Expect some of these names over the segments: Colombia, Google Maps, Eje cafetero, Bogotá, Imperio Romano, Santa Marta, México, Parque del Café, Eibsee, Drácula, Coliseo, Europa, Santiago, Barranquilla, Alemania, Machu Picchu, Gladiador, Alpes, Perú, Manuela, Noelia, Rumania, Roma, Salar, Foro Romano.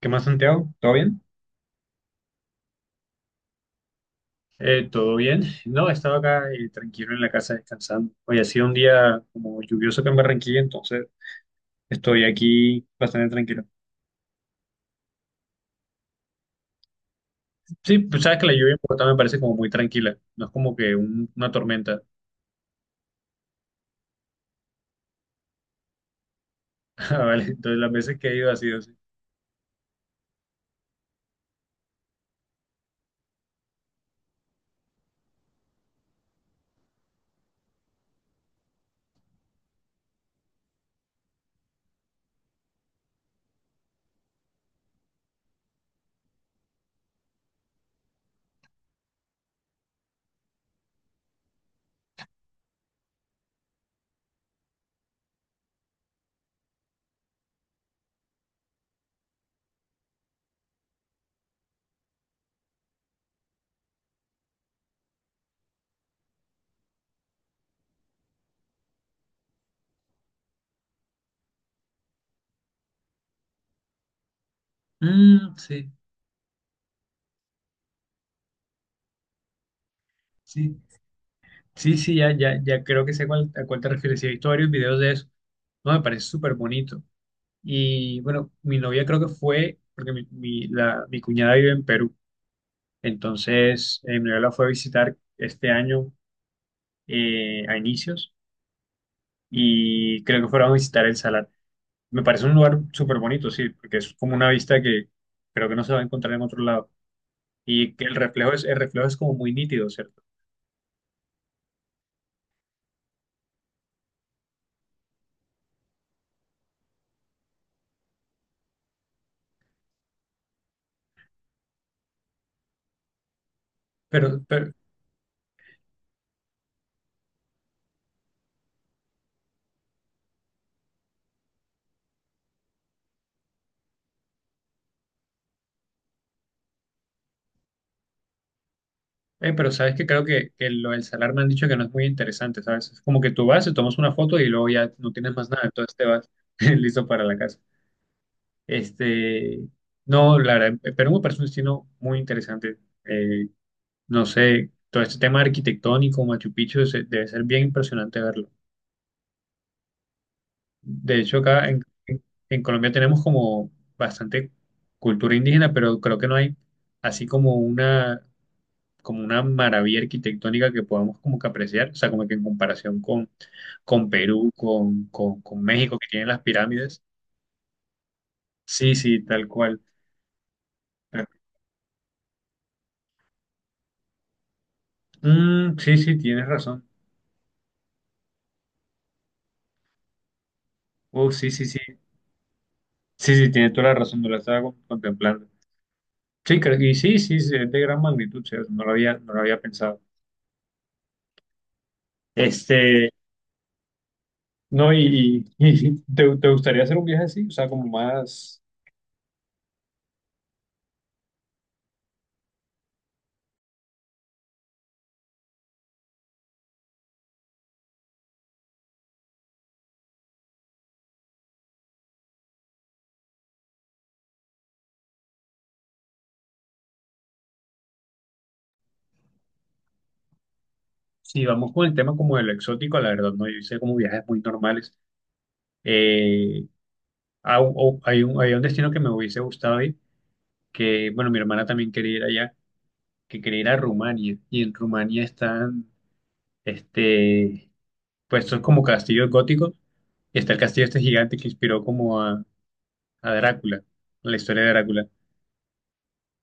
¿Qué más, Santiago? ¿Todo bien? ¿Todo bien? No, he estado acá tranquilo en la casa descansando. Hoy ha sido un día como lluvioso acá en Barranquilla, entonces estoy aquí bastante tranquilo. Sí, pues sabes que la lluvia en Bogotá me parece como muy tranquila, no es como que una tormenta. Ah, vale, entonces las veces que he ido ha sido así. Mm, sí, sí, sí, sí, ya, ya, ya creo que sé a cuál te refieres. Sí, he visto varios videos de eso. No, me parece súper bonito. Y bueno, mi novia creo que fue, porque mi cuñada vive en Perú. Entonces, Manuela fue a visitar este año a inicios y creo que fueron a visitar el Salar. Me parece un lugar súper bonito, sí, porque es como una vista que creo que no se va a encontrar en otro lado. Y que el reflejo es como muy nítido, ¿cierto? Pero, pero, pero sabes que creo que lo del Salar me han dicho que no es muy interesante, ¿sabes? Es como que tú vas, te tomas una foto y luego ya no tienes más nada, entonces te vas listo para la casa. Este, no, la verdad, Perú me parece un destino muy interesante. Eh, No sé, todo este tema arquitectónico, Machu Picchu, debe ser bien impresionante verlo. De hecho, acá en Colombia tenemos como bastante cultura indígena, pero creo que no hay así como una maravilla arquitectónica que podamos como que apreciar, o sea, como que en comparación con Perú, con México, que tienen las pirámides. Sí, sí, tal cual. Mm, sí, sí, tienes razón. Oh, sí, sí, sí. Sí, sí, tienes toda la razón, no la estaba contemplando. Sí, creo que sí, sí, sí, es de gran magnitud, o sea, no lo había pensado. Este, no, y ¿te, te gustaría hacer un viaje así? O sea, como más, si vamos con el tema como de lo exótico, la verdad, no, yo hice como viajes muy normales. Eh, hay hay un destino que me hubiese gustado ir, que, bueno, mi hermana también quería ir allá, que quería ir a Rumania, y en Rumania están, este, pues son como castillos góticos, y está el castillo este gigante que inspiró como a Drácula, la historia de Drácula.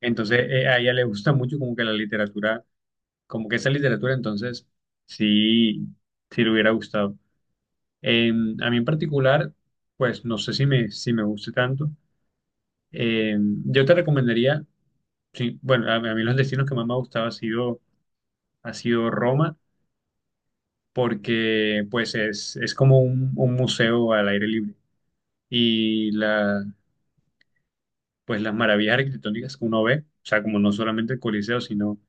Entonces, a ella le gusta mucho como que la literatura, como que esa literatura, entonces, sí, sí le hubiera gustado. Eh, a mí en particular, pues no sé si me, si me guste tanto. Eh, yo te recomendaría, sí, bueno, a mí los destinos que más me ha gustado ha sido Roma, porque pues es como un museo al aire libre. Y la, pues las maravillas arquitectónicas que uno ve, o sea, como no solamente el Coliseo, sino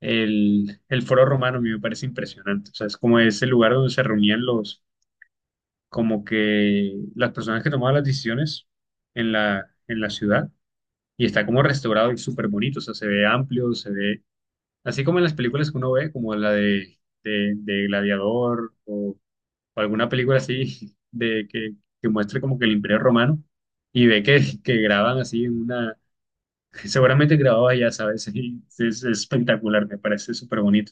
el Foro Romano, a mí me parece impresionante. O sea, es como ese lugar donde se reunían los, como que las personas que tomaban las decisiones en la ciudad. Y está como restaurado y súper bonito. O sea, se ve amplio, se ve, así como en las películas que uno ve, como la de Gladiador o alguna película así de que muestre como que el Imperio Romano. Y ve que graban así en una, seguramente grababa ya, ¿sabes? Y es espectacular, me parece súper bonito.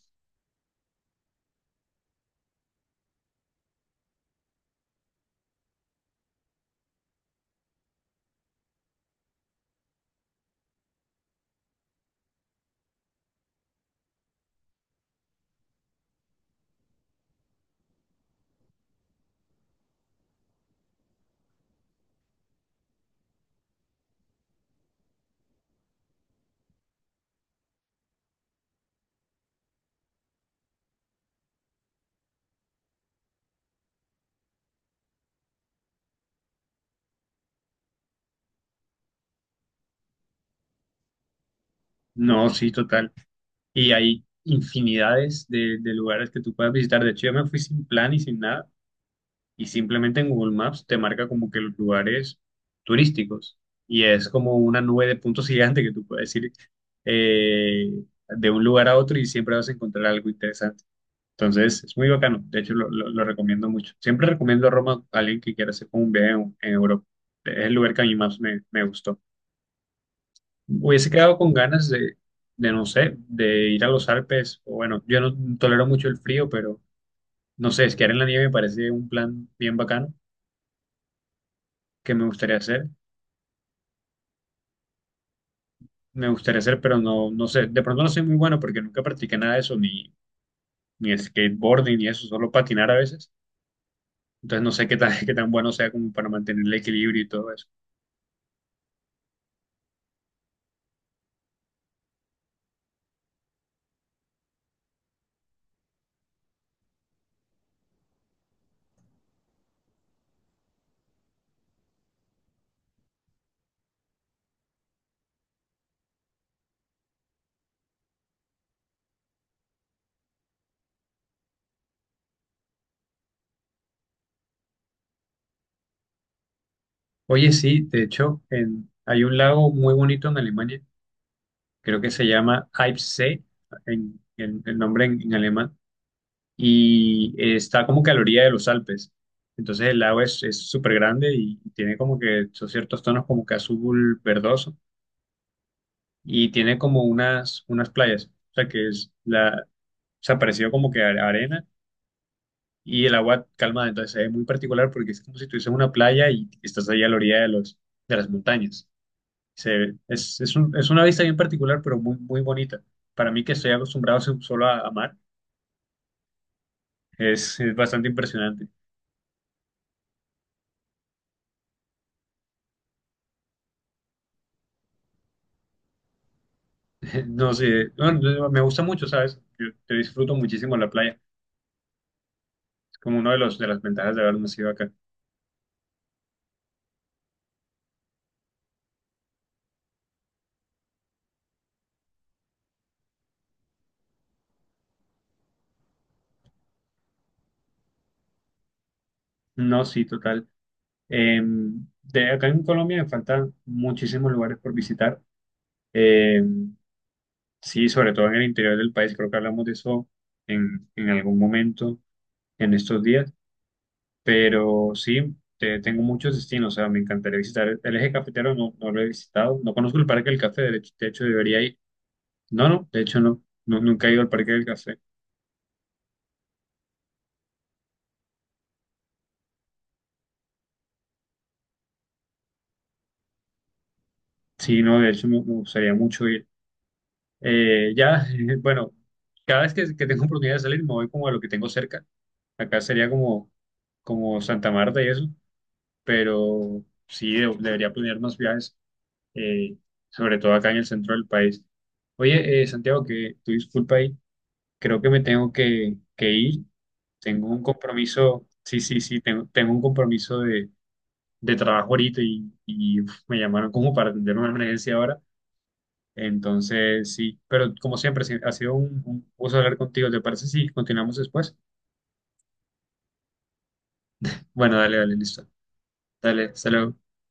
No, sí, total. Y hay infinidades de lugares que tú puedes visitar. De hecho, yo me fui sin plan y sin nada. Y simplemente en Google Maps te marca como que los lugares turísticos. Y es como una nube de puntos gigante que tú puedes ir eh, de un lugar a otro y siempre vas a encontrar algo interesante. Entonces, es muy bacano. De hecho, lo recomiendo mucho. Siempre recomiendo Roma a alguien que quiera hacer como un viaje en Europa. Es el lugar que a mí más me, me gustó. Hubiese quedado con ganas de, no sé, de ir a los Alpes. O bueno, yo no tolero mucho el frío, pero no sé, esquiar en la nieve me parece un plan bien bacano que me gustaría hacer. Me gustaría hacer, pero no, no sé. De pronto no soy muy bueno porque nunca practiqué nada de eso, ni, ni skateboarding, ni eso, solo patinar a veces. Entonces no sé qué tan, qué tan bueno sea como para mantener el equilibrio y todo eso. Oye, sí, de hecho, hay un lago muy bonito en Alemania, creo que se llama Eibsee, el nombre en alemán y está como que a la orilla de los Alpes. Entonces el lago es súper grande y tiene como que son ciertos tonos como que azul verdoso y tiene como unas, unas playas, o sea que es la, o sea, parecido como que arena y el agua calma, entonces es muy particular porque es como si tuvieses una playa y estás ahí a la orilla de los, de las montañas. Se, es, es una vista bien particular, pero muy, muy bonita. Para mí que estoy acostumbrado solo a mar, es bastante impresionante. No sé, no, me gusta mucho, ¿sabes? Yo disfruto muchísimo la playa. Es como una de, los, de las ventajas de haber nacido acá. No, sí, total. Eh, de acá en Colombia me faltan muchísimos lugares por visitar. Eh, sí, sobre todo en el interior del país. Creo que hablamos de eso en algún momento en estos días. Pero sí, tengo muchos destinos. O sea, me encantaría visitar el eje cafetero. No, no lo he visitado. No conozco el Parque del Café. De hecho, debería ir. No, no, de hecho, no. No, nunca he ido al Parque del Café. Sí, no, de hecho me, me gustaría mucho ir. Ya, bueno, cada vez que tengo oportunidad de salir me voy como a lo que tengo cerca. Acá sería como, como Santa Marta y eso, pero sí, debería planear más viajes, eh, sobre todo acá en el centro del país. Oye, Santiago, que tu disculpa ahí, creo que me tengo que ir. Tengo un compromiso, sí, sí, sí, tengo, tengo un compromiso de trabajo ahorita y uf, me llamaron como para atender una emergencia ahora. Entonces, sí, pero como siempre, sí, ha sido un gusto hablar contigo. ¿Te parece si continuamos después? Bueno, dale, dale, listo. Dale, hasta luego.